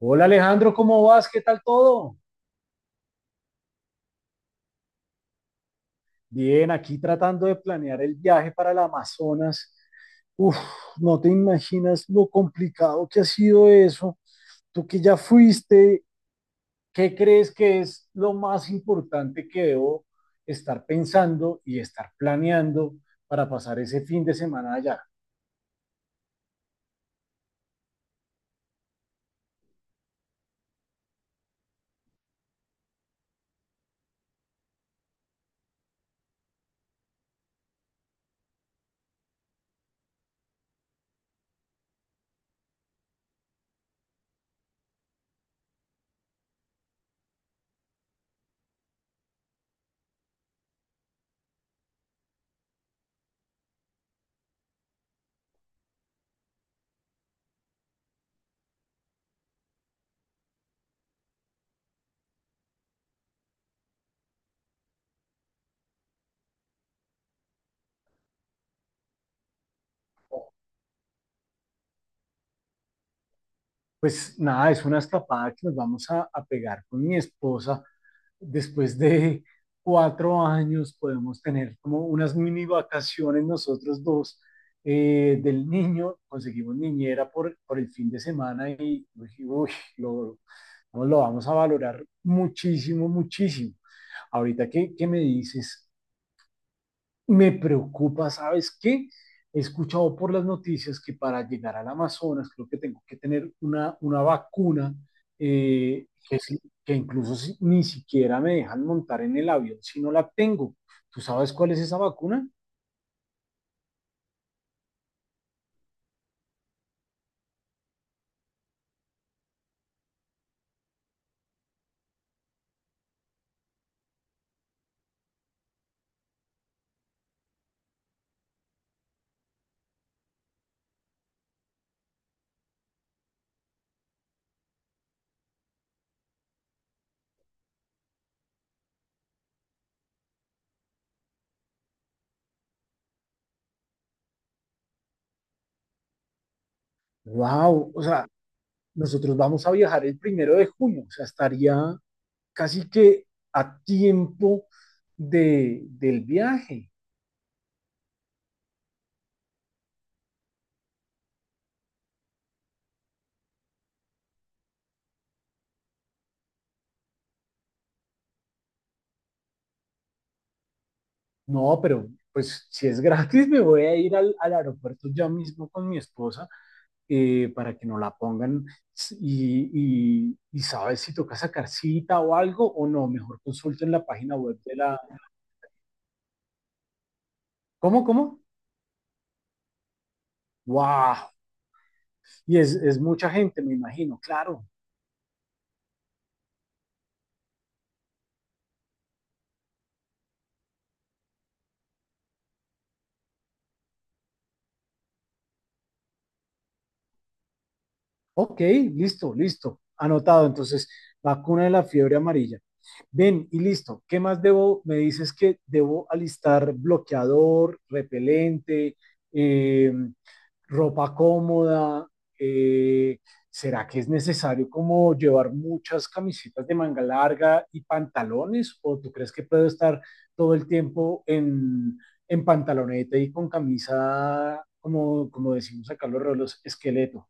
Hola Alejandro, ¿cómo vas? ¿Qué tal todo? Bien, aquí tratando de planear el viaje para el Amazonas. Uf, no te imaginas lo complicado que ha sido eso. Tú que ya fuiste, ¿qué crees que es lo más importante que debo estar pensando y estar planeando para pasar ese fin de semana allá? Pues nada, es una escapada que nos vamos a, pegar con mi esposa después de 4 años podemos tener como unas mini vacaciones nosotros dos del niño, conseguimos niñera por, el fin de semana y uy, uy, lo, no, lo vamos a valorar muchísimo, muchísimo. Ahorita que me dices me preocupa, ¿sabes qué? He escuchado por las noticias que para llegar al Amazonas creo que tengo que tener una, vacuna que, que incluso ni siquiera me dejan montar en el avión si no la tengo. ¿Tú sabes cuál es esa vacuna? ¡Wow! O sea, nosotros vamos a viajar el 1 de junio, o sea, estaría casi que a tiempo de, del viaje. No, pero pues si es gratis me voy a ir al, aeropuerto ya mismo con mi esposa para que no la pongan y, sabes si toca sacar cita o algo o no, mejor consulten la página web de la... ¿Cómo, cómo? ¡Wow! Y es mucha gente, me imagino, claro. Ok, listo, listo, anotado. Entonces, vacuna de la fiebre amarilla. Ven, y listo. ¿Qué más debo? Me dices que debo alistar bloqueador, repelente, eh, ropa cómoda. eh, ¿Será que es necesario como llevar muchas camisetas de manga larga y pantalones? ¿O tú crees que puedo estar todo el tiempo en, pantaloneta y con camisa, como, decimos acá los rolos, esqueleto?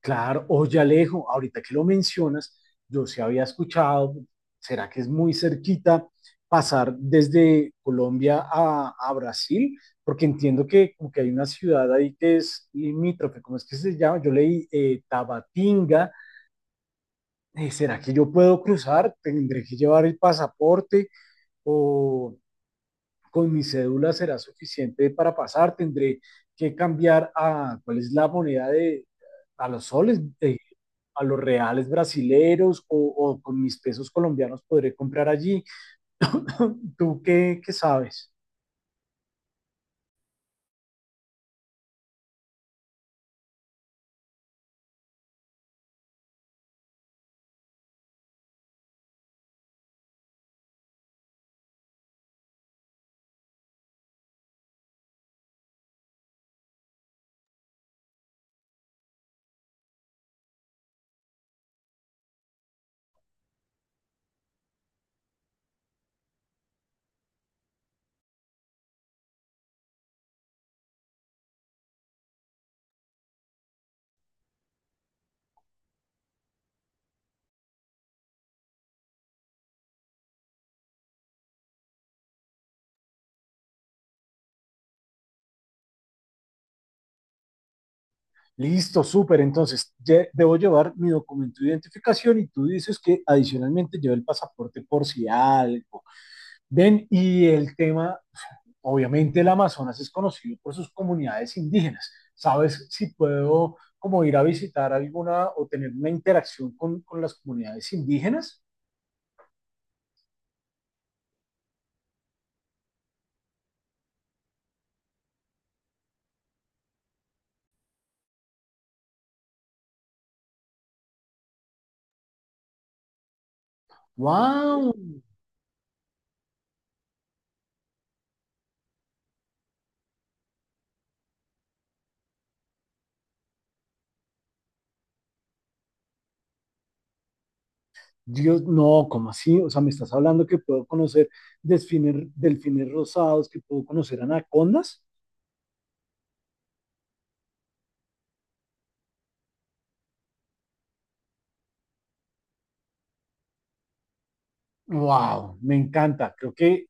Claro, oye Alejo, ahorita que lo mencionas, yo sí había escuchado, ¿será que es muy cerquita pasar desde Colombia a, Brasil? Porque entiendo que como que hay una ciudad ahí que es limítrofe, ¿cómo es que se llama? Yo leí Tabatinga. ¿Será que yo puedo cruzar? ¿Tendré que llevar el pasaporte? Con mi cédula será suficiente para pasar, tendré que cambiar a, ¿cuál es la moneda de, a los soles, a los reales brasileros o, con mis pesos colombianos podré comprar allí? ¿Tú qué sabes? Listo, súper. Entonces, debo llevar mi documento de identificación y tú dices que adicionalmente llevo el pasaporte por si algo. Ven, y el tema obviamente el Amazonas es conocido por sus comunidades indígenas. ¿Sabes si puedo como ir a visitar alguna o tener una interacción con, las comunidades indígenas? ¡Wow! Dios, no, ¿cómo así? O sea, me estás hablando que puedo conocer delfines, delfines rosados, que puedo conocer anacondas. ¡Wow! Me encanta. Creo que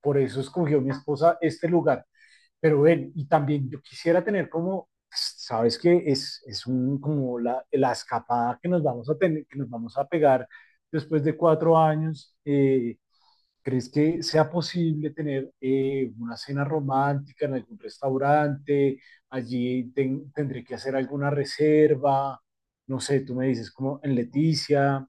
por eso escogió mi esposa este lugar. Pero ven, y también yo quisiera tener como, pues, sabes que es un, como la, escapada que nos vamos a tener, que nos vamos a pegar después de 4 años. ¿Crees que sea posible tener una cena romántica en algún restaurante? Allí tendré que hacer alguna reserva. No sé, tú me dices como en Leticia.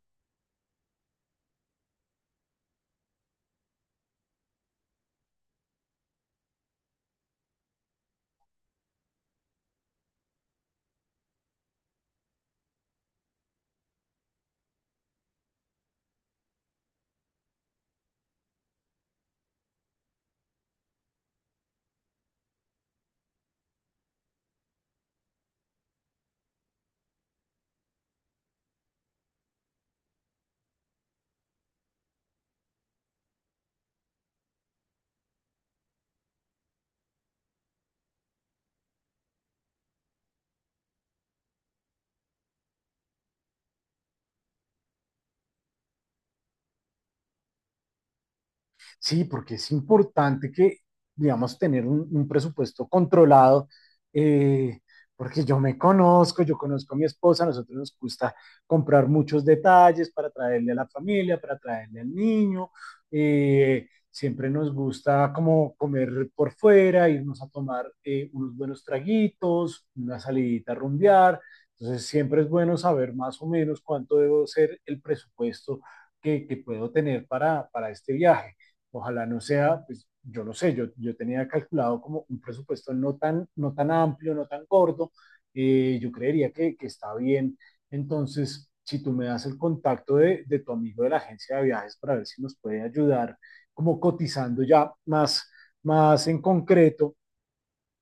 Sí, porque es importante que, digamos, tener un, presupuesto controlado, eh, porque yo me conozco, yo conozco a mi esposa, a nosotros nos gusta comprar muchos detalles para traerle a la familia, para traerle al niño, siempre nos gusta como comer por fuera, irnos a tomar unos buenos traguitos, una salidita a rumbear, entonces siempre es bueno saber más o menos cuánto debo ser el presupuesto que, puedo tener para, este viaje. Ojalá no sea, pues yo no sé, yo, tenía calculado como un presupuesto no tan, no tan amplio, no tan gordo, yo creería que, está bien. Entonces, si tú me das el contacto de, tu amigo de la agencia de viajes para ver si nos puede ayudar, como cotizando ya más, más en concreto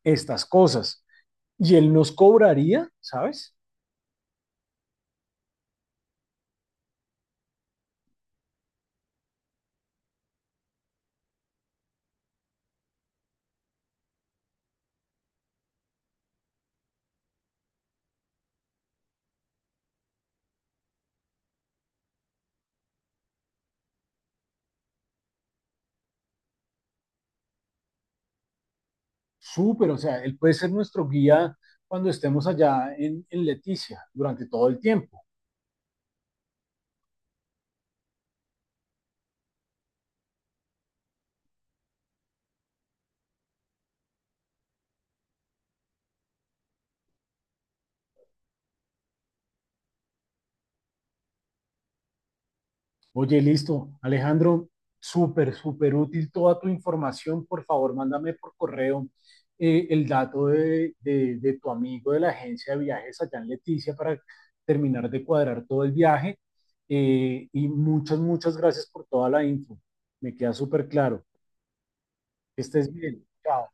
estas cosas. Y él nos cobraría, ¿sabes? Súper, o sea, él puede ser nuestro guía cuando estemos allá en, Leticia durante todo el tiempo. Oye, listo. Alejandro, súper, súper útil toda tu información. Por favor, mándame por correo el dato de, de tu amigo de la agencia de viajes allá en Leticia para terminar de cuadrar todo el viaje. Y muchas, muchas gracias por toda la info. Me queda súper claro. Que estés bien. Chao.